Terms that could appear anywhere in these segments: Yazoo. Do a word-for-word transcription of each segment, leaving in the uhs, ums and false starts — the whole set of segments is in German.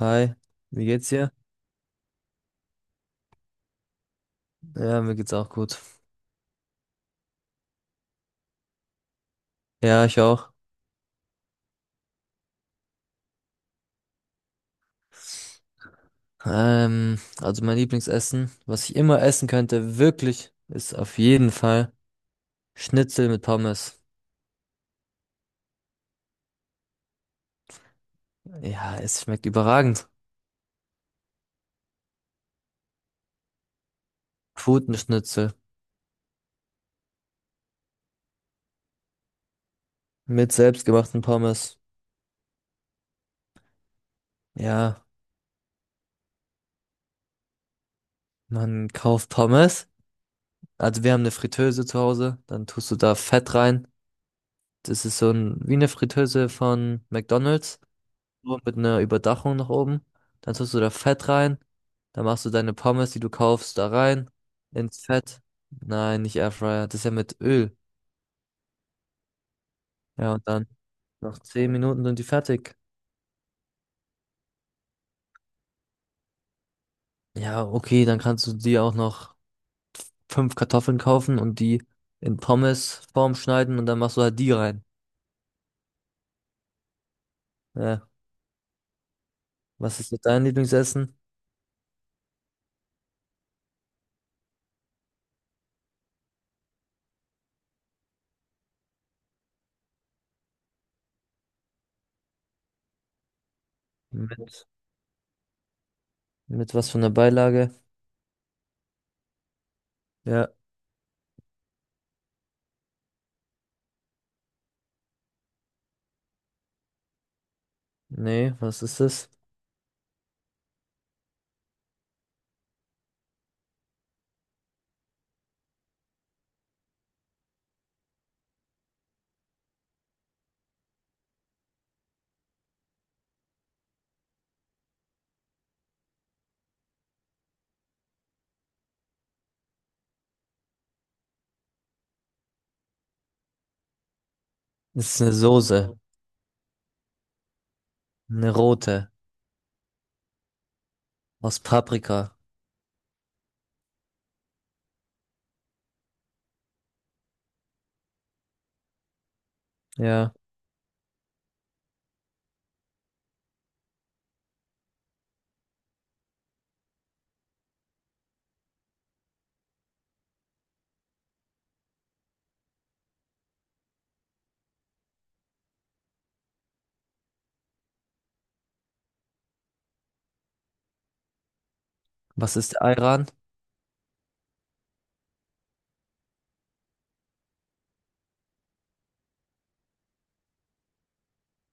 Hi, wie geht's dir? Ja, mir geht's auch gut. Ja, ich auch. Ähm, also mein Lieblingsessen, was ich immer essen könnte, wirklich, ist auf jeden Fall Schnitzel mit Pommes. Ja, es schmeckt überragend. Putenschnitzel mit selbstgemachten Pommes. Ja, man kauft Pommes. Also wir haben eine Fritteuse zu Hause, dann tust du da Fett rein. Das ist so ein, wie eine Fritteuse von McDonald's. Nur mit einer Überdachung nach oben. Dann tust du da Fett rein. Dann machst du deine Pommes, die du kaufst, da rein. Ins Fett. Nein, nicht Airfryer. Das ist ja mit Öl. Ja, und dann noch zehn Minuten sind die fertig. Ja, okay, dann kannst du dir auch noch fünf Kartoffeln kaufen und die in Pommesform schneiden und dann machst du halt die rein. Ja. Was ist mit deinem Lieblingsessen? Mit, mit was von der Beilage? Ja. Nee, was ist das? Das ist eine Soße. Eine rote. Aus Paprika. Ja. Was ist Ayran?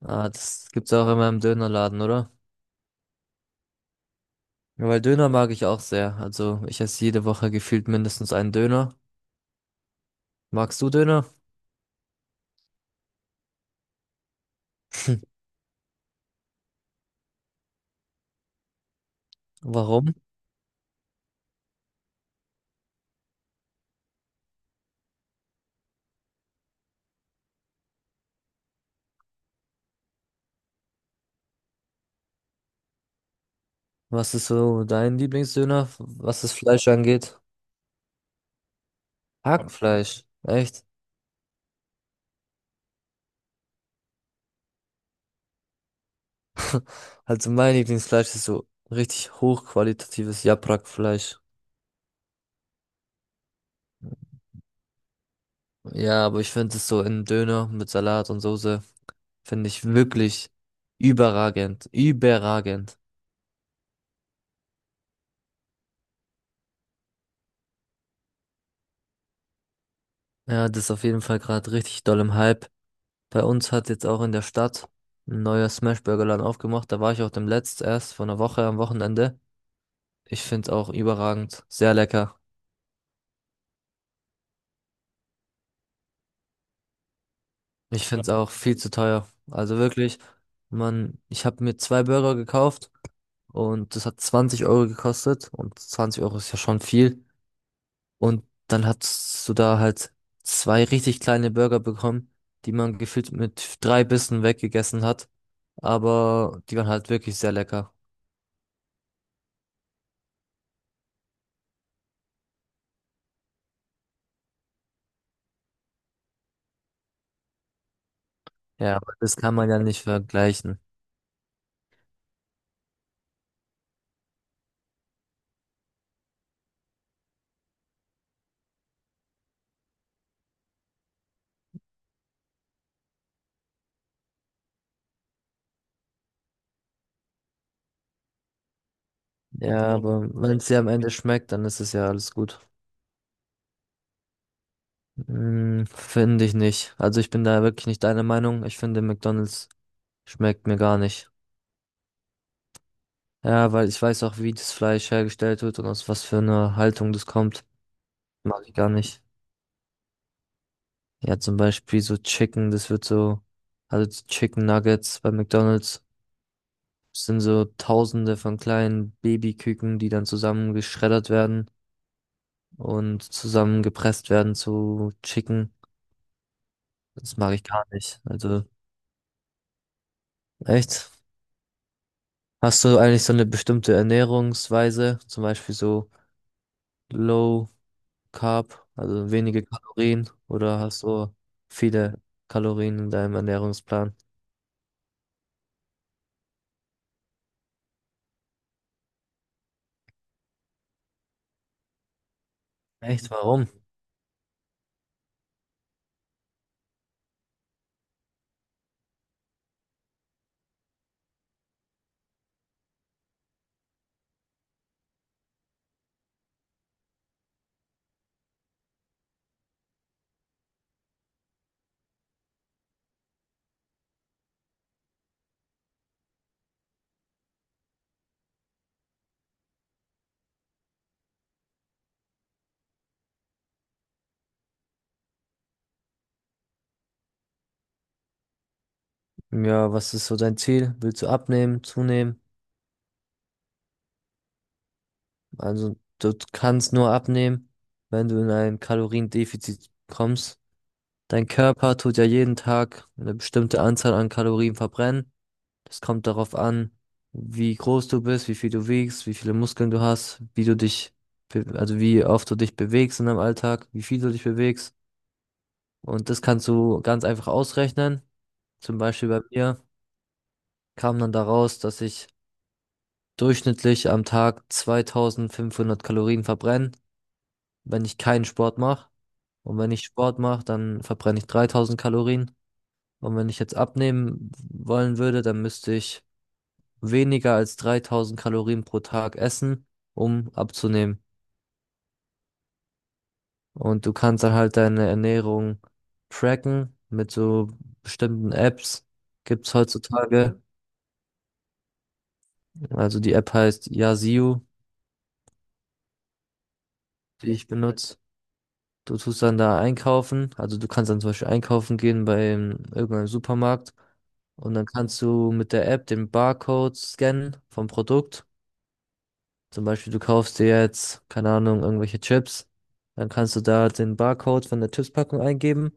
Ah, das gibt's auch immer im Dönerladen, oder? Ja, weil Döner mag ich auch sehr. Also ich esse jede Woche gefühlt mindestens einen Döner. Magst du Döner? Warum? Was ist so dein Lieblingsdöner, was das Fleisch angeht? Hackfleisch. Echt? Also mein Lieblingsfleisch ist so richtig hochqualitatives Japrakfleisch. Ja, aber ich finde es so in Döner mit Salat und Soße, finde ich wirklich überragend. Überragend. Ja, das ist auf jeden Fall gerade richtig doll im Hype. Bei uns hat jetzt auch in der Stadt ein neuer Smashburger-Laden aufgemacht. Da war ich auch dem letzten erst vor einer Woche am Wochenende. Ich find's auch überragend, sehr lecker. Ich find's auch viel zu teuer. Also wirklich, man, ich habe mir zwei Burger gekauft und das hat zwanzig Euro gekostet und zwanzig Euro ist ja schon viel. Und dann hast du da halt zwei richtig kleine Burger bekommen, die man gefühlt mit drei Bissen weggegessen hat. Aber die waren halt wirklich sehr lecker. Ja, aber das kann man ja nicht vergleichen. Ja, aber wenn es dir am Ende schmeckt, dann ist es ja alles gut. Hm, finde ich nicht. Also ich bin da wirklich nicht deiner Meinung. Ich finde, McDonald's schmeckt mir gar nicht. Ja, weil ich weiß auch, wie das Fleisch hergestellt wird und aus was für einer Haltung das kommt. Mag ich gar nicht. Ja, zum Beispiel so Chicken, das wird so, also die Chicken Nuggets bei McDonald's sind so Tausende von kleinen Babyküken, die dann zusammen geschreddert werden und zusammengepresst werden zu Chicken. Das mag ich gar nicht. Also Echt? Hast du eigentlich so eine bestimmte Ernährungsweise, zum Beispiel so Low Carb, also wenige Kalorien, oder hast du viele Kalorien in deinem Ernährungsplan? Echt, warum? Ja, was ist so dein Ziel? Willst du abnehmen, zunehmen? Also du kannst nur abnehmen, wenn du in ein Kaloriendefizit kommst. Dein Körper tut ja jeden Tag eine bestimmte Anzahl an Kalorien verbrennen. Das kommt darauf an, wie groß du bist, wie viel du wiegst, wie viele Muskeln du hast, wie du dich, be- also wie oft du dich bewegst in deinem Alltag, wie viel du dich bewegst. Und das kannst du ganz einfach ausrechnen. Zum Beispiel bei mir kam dann daraus, dass ich durchschnittlich am Tag zweitausendfünfhundert Kalorien verbrenne, wenn ich keinen Sport mache. Und wenn ich Sport mache, dann verbrenne ich dreitausend Kalorien. Und wenn ich jetzt abnehmen wollen würde, dann müsste ich weniger als dreitausend Kalorien pro Tag essen, um abzunehmen. Und du kannst dann halt deine Ernährung tracken mit so bestimmten Apps. Gibt's heutzutage. Also die App heißt Yazoo, die ich benutze. Du tust dann da einkaufen. Also du kannst dann zum Beispiel einkaufen gehen bei irgendeinem Supermarkt. Und dann kannst du mit der App den Barcode scannen vom Produkt. Zum Beispiel, du kaufst dir jetzt, keine Ahnung, irgendwelche Chips. Dann kannst du da den Barcode von der Chipspackung eingeben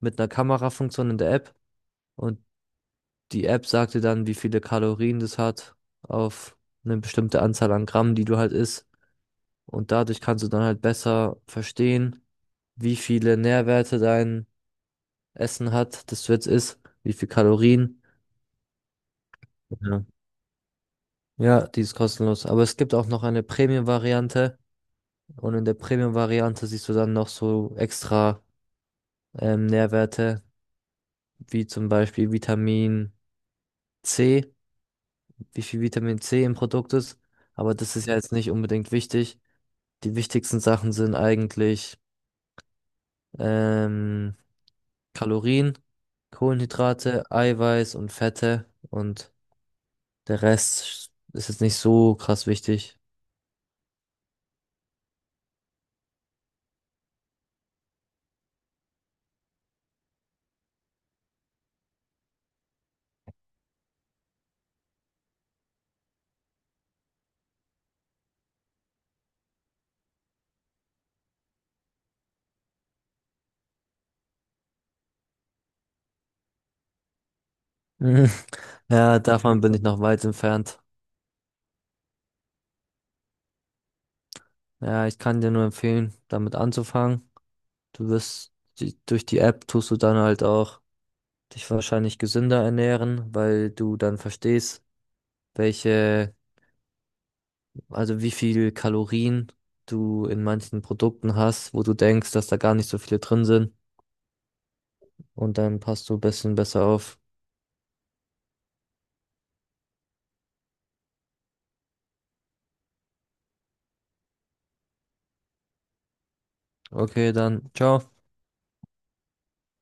mit einer Kamerafunktion in der App. Und die App sagt dir dann, wie viele Kalorien das hat auf eine bestimmte Anzahl an Gramm, die du halt isst. Und dadurch kannst du dann halt besser verstehen, wie viele Nährwerte dein Essen hat, das du jetzt isst, wie viel Kalorien. Ja. Ja, die ist kostenlos. Aber es gibt auch noch eine Premium-Variante. Und in der Premium-Variante siehst du dann noch so extra ähm, Nährwerte, wie zum Beispiel Vitamin C, wie viel Vitamin C im Produkt ist. Aber das ist ja jetzt nicht unbedingt wichtig. Die wichtigsten Sachen sind eigentlich ähm, Kalorien, Kohlenhydrate, Eiweiß und Fette. Und der Rest ist jetzt nicht so krass wichtig. Mhm. Ja, davon bin ich noch weit entfernt. Ja, ich kann dir nur empfehlen, damit anzufangen. Du wirst die, durch die App tust du dann halt auch dich wahrscheinlich gesünder ernähren, weil du dann verstehst, welche, also wie viel Kalorien du in manchen Produkten hast, wo du denkst, dass da gar nicht so viele drin sind. Und dann passt du ein bisschen besser auf. Okay, dann, ciao.